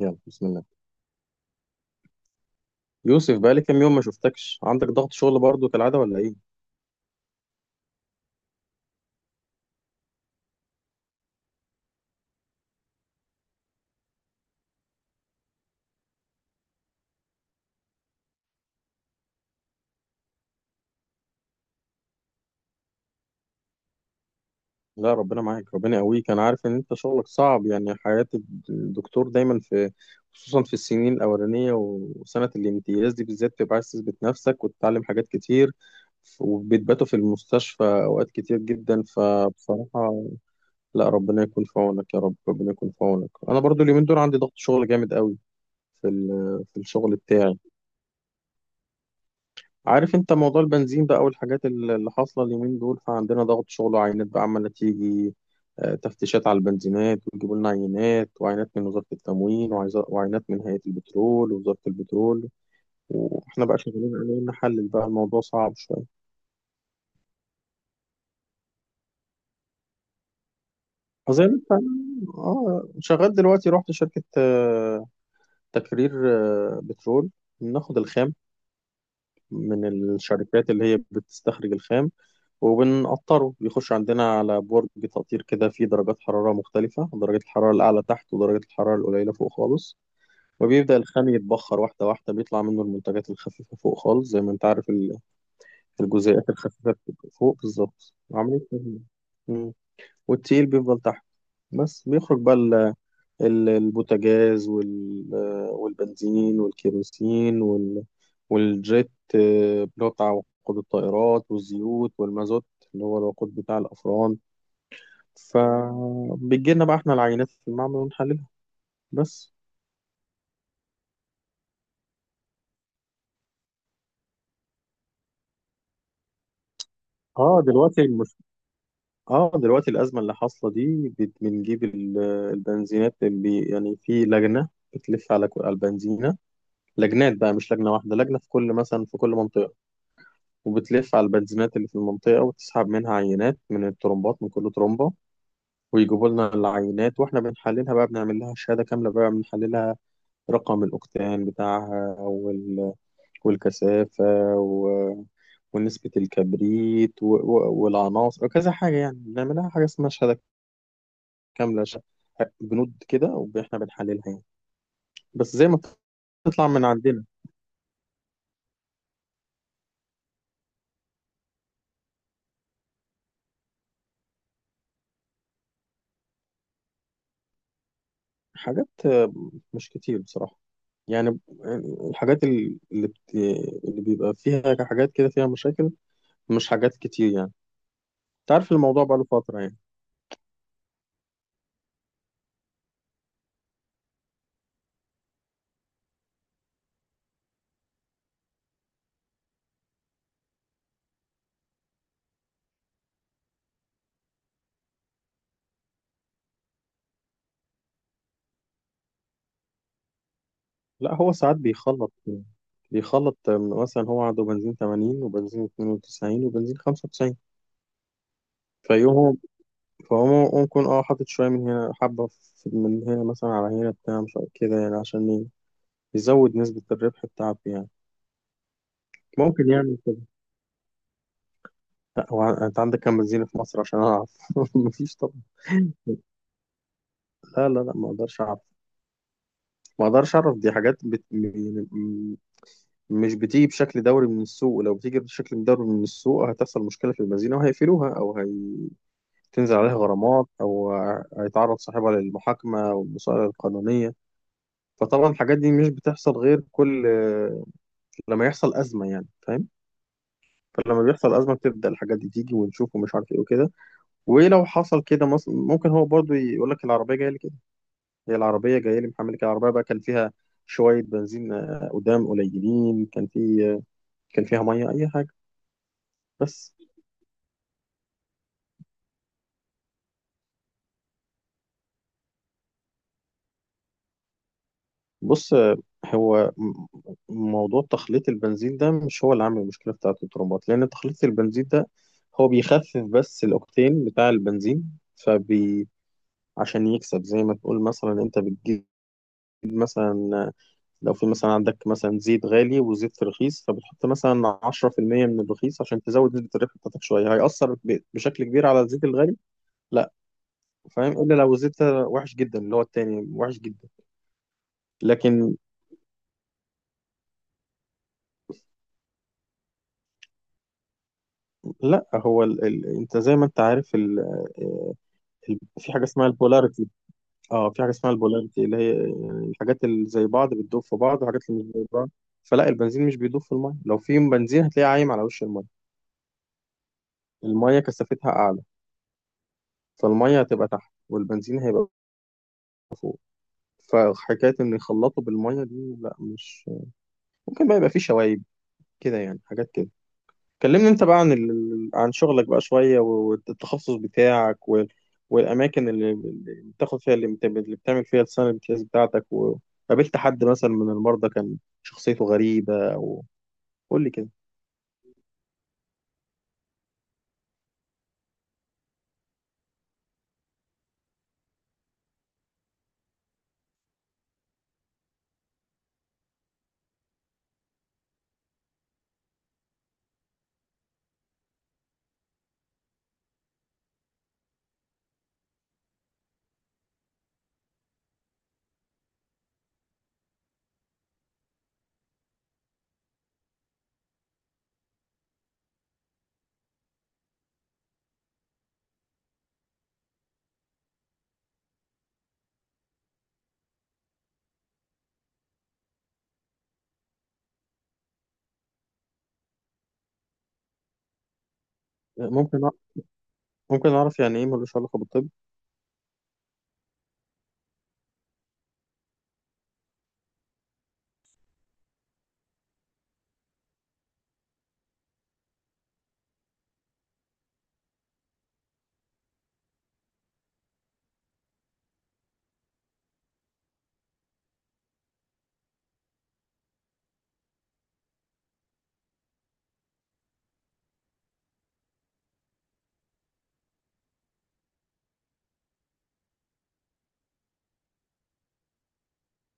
يلا بسم الله. يوسف بقى لي كام يوم ما شفتكش، عندك ضغط شغل برضو كالعادة ولا ايه؟ لا ربنا معاك، ربنا يقويك، انا عارف ان انت شغلك صعب يعني حياة الدكتور دايما في، خصوصا في السنين الاولانية وسنة الامتياز دي بالذات بتبقى عايز تثبت نفسك وتتعلم حاجات كتير وبتباتوا في المستشفى اوقات كتير جدا فبصراحة. لا ربنا يكون في عونك يا رب، ربنا يكون في عونك، انا برضو اليومين دول عندي ضغط شغل جامد قوي في في الشغل بتاعي. عارف انت موضوع البنزين بقى والحاجات اللي حاصلة اليومين دول، فعندنا ضغط شغل وعينات بقى عمالة تيجي، تفتيشات على البنزينات ويجيبوا لنا عينات، وعينات من وزارة التموين وعينات من هيئة البترول ووزارة البترول. واحنا بقى شغالين عليه نحلل بقى، الموضوع صعب شوية. زي ما انت، اه شغال دلوقتي، رحت شركة تكرير، بترول. بناخد الخام من الشركات اللي هي بتستخرج الخام وبنقطره، بيخش عندنا على برج تقطير كده فيه درجات حرارة مختلفة، درجة الحرارة الأعلى تحت ودرجة الحرارة القليلة فوق خالص. وبيبدأ الخام يتبخر واحدة واحدة، بيطلع منه المنتجات الخفيفة فوق خالص، زي ما أنت عارف الجزيئات الخفيفة بتبقى فوق، بالظبط عملية تهيئة. مم. والتقيل بيفضل تحت، بس بيخرج بقى البوتاجاز والبنزين والكيروسين والجيت، اللي هو بتاع وقود الطائرات، والزيوت والمازوت اللي هو الوقود بتاع الأفران. فبتجي لنا بقى احنا العينات في المعمل ونحللها بس. اه دلوقتي المش... اه دلوقتي الأزمة اللي حاصلة دي بنجيب البنزينات، اللي يعني في لجنة بتلف على على البنزينة، لجنات بقى مش لجنة واحدة، لجنة في كل، مثلا في كل منطقة، وبتلف على البنزينات اللي في المنطقة وتسحب منها عينات من الترمبات، من كل ترمبة، ويجيبوا لنا العينات واحنا بنحللها بقى، بنعمل لها شهادة كاملة بقى، بنحللها رقم الأوكتان بتاعها والكثافة و... ونسبة الكبريت والعناصر وكذا حاجة، يعني بنعملها حاجة اسمها شهادة كاملة، بنود كده، واحنا بنحللها يعني، بس زي ما تطلع من عندنا حاجات، مش كتير بصراحة يعني. الحاجات اللي بيبقى فيها حاجات كده فيها مشاكل مش حاجات كتير يعني. انت عارف الموضوع بقاله فترة يعني. لا هو ساعات بيخلط، بيخلط مثلا هو عنده بنزين 80 وبنزين 92 وبنزين 95، فيقوم فهو ممكن اه حاطط شوية من هنا، حبة من هنا مثلا على هنا بتاع مش عارف كده يعني عشان يزود نسبة الربح بتاعته يعني. ممكن يعمل. لا هو انت عندك كام بنزينة في مصر عشان اعرف؟ مفيش طبعا. لا، ما اقدرش اعرف، ما اقدرش اعرف، دي حاجات مش بتيجي بشكل دوري من السوق، لو بتيجي بشكل دوري من السوق هتحصل مشكلة في البنزينة وهيقفلوها، او هيتنزل عليها غرامات، او هيتعرض صاحبها للمحاكمة والمسألة القانونية. فطبعا الحاجات دي مش بتحصل غير كل، لما يحصل أزمة يعني، فاهم؟ فلما بيحصل أزمة بتبدأ الحاجات دي تيجي ونشوف ومش عارف ايه وكده. ولو حصل كده ممكن هو برضو يقول لك العربية جاية لك، هي العربية جاية لي محمل كده، العربية بقى كان فيها شوية بنزين، قدام قليلين كان في، آه، كان فيها مية أي حاجة، بس. بص، هو موضوع تخليط البنزين ده مش هو اللي عامل المشكلة بتاعة الترمبات، لأن تخليط البنزين ده هو بيخفف بس الأوكتين بتاع البنزين، فبي، عشان يكسب. زي ما تقول مثلا، أنت بتجيب مثلا، لو في مثلا عندك مثلا زيت غالي وزيت رخيص فبتحط مثلا 10% من الرخيص عشان تزود نسبة الربح بتاعتك شوية، هيأثر بشكل كبير على الزيت الغالي؟ لا. فاهم، إلا لو الزيت وحش جدا، اللي هو التاني وحش جدا. لكن لا، هو انت زي ما انت عارف ال... في حاجة اسمها البولاريتي، اه في حاجة اسمها البولاريتي، اللي هي يعني الحاجات اللي زي بعض بتدوب في بعض، والحاجات اللي مش زي بعض فلا. البنزين مش بيدوب في المية، لو في بنزين هتلاقيه عايم على وش المية، المية كثافتها أعلى، فالمية هتبقى تحت والبنزين هيبقى. فحكاية إن يخلطوا بالمية دي لا، مش ممكن. بقى يبقى فيه شوايب كده يعني، حاجات كده. كلمني أنت بقى عن عن شغلك بقى شوية، والتخصص بتاعك والأماكن اللي بتاخد فيها، اللي بتعمل فيها السنة الامتياز بتاعتك، وقابلت حد مثلا من المرضى كان شخصيته غريبة، أو قول لي كده. ممكن أع- ممكن أعرف يعني إيه ملوش علاقة بالطب؟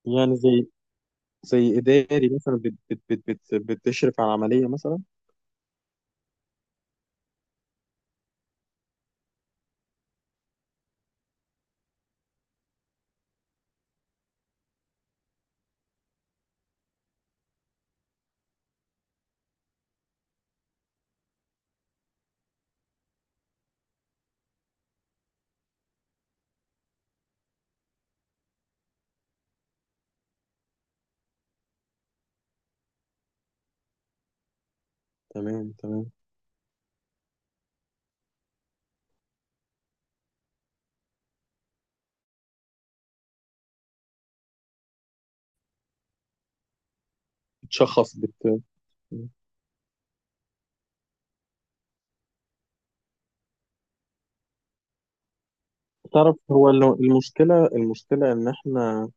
يعني زي، إداري مثلا بتشرف على عملية مثلا. تمام تمام. بتشخص تعرف هو المشكلة، إن إحنا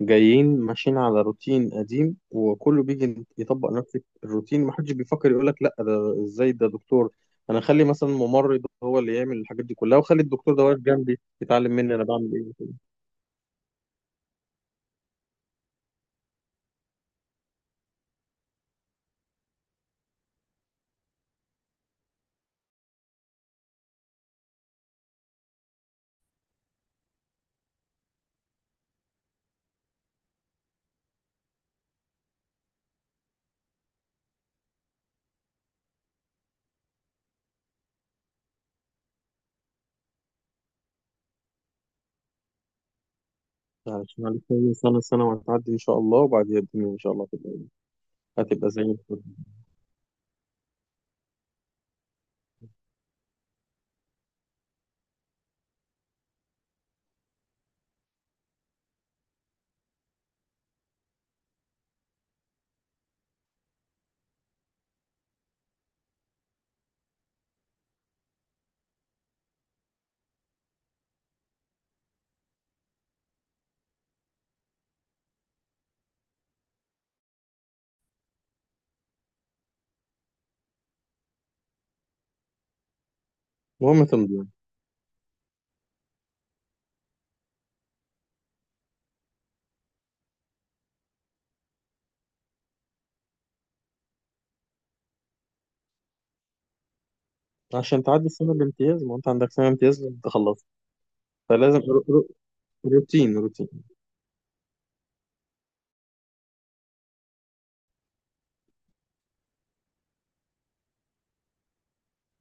جايين ماشيين على روتين قديم وكله بيجي يطبق نفس الروتين، محدش بيفكر يقول لك لأ، ده إزاي؟ ده دكتور. أنا أخلي مثلا ممرض هو اللي يعمل الحاجات دي كلها وأخلي الدكتور ده واقف جنبي يتعلم مني أنا بعمل إيه. علشان عليك كام سنة؟ سنة وهتعدي إن شاء الله، وبعديها الدنيا إن شاء الله هتبقى إيه؟ هتبقى زي الفل. المهم تمضي عشان تعدي السنة الامتياز، ما أنت عندك سنة امتياز لازم تخلصها، فلازم روتين،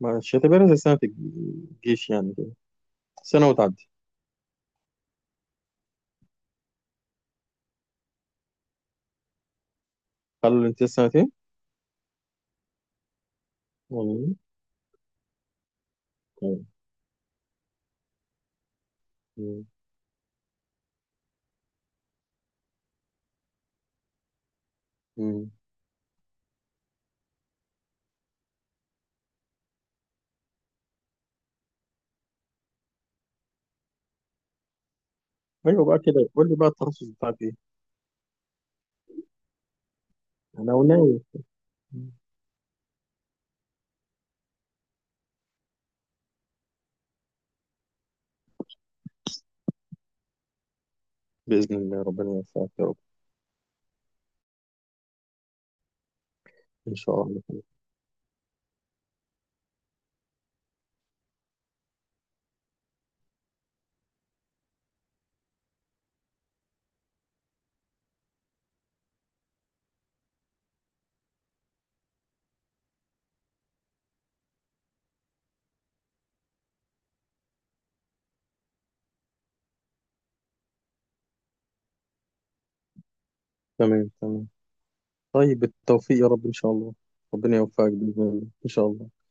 مش هتبقى زي سنة الجيش يعني، سنة وتعدي. قالوا لي انت لسه سنتين؟ والله. طيب. مم. مم. ايوه بقى كده، قول لي بقى التخصص بتاعك ايه؟ انا وناوي. مم. بإذن الله، ربنا يوفقك يا رب ان شاء الله. تمام تمام. طيب بالتوفيق يا رب ان شاء الله، ربنا يوفقك بإذن الله ان شاء الله.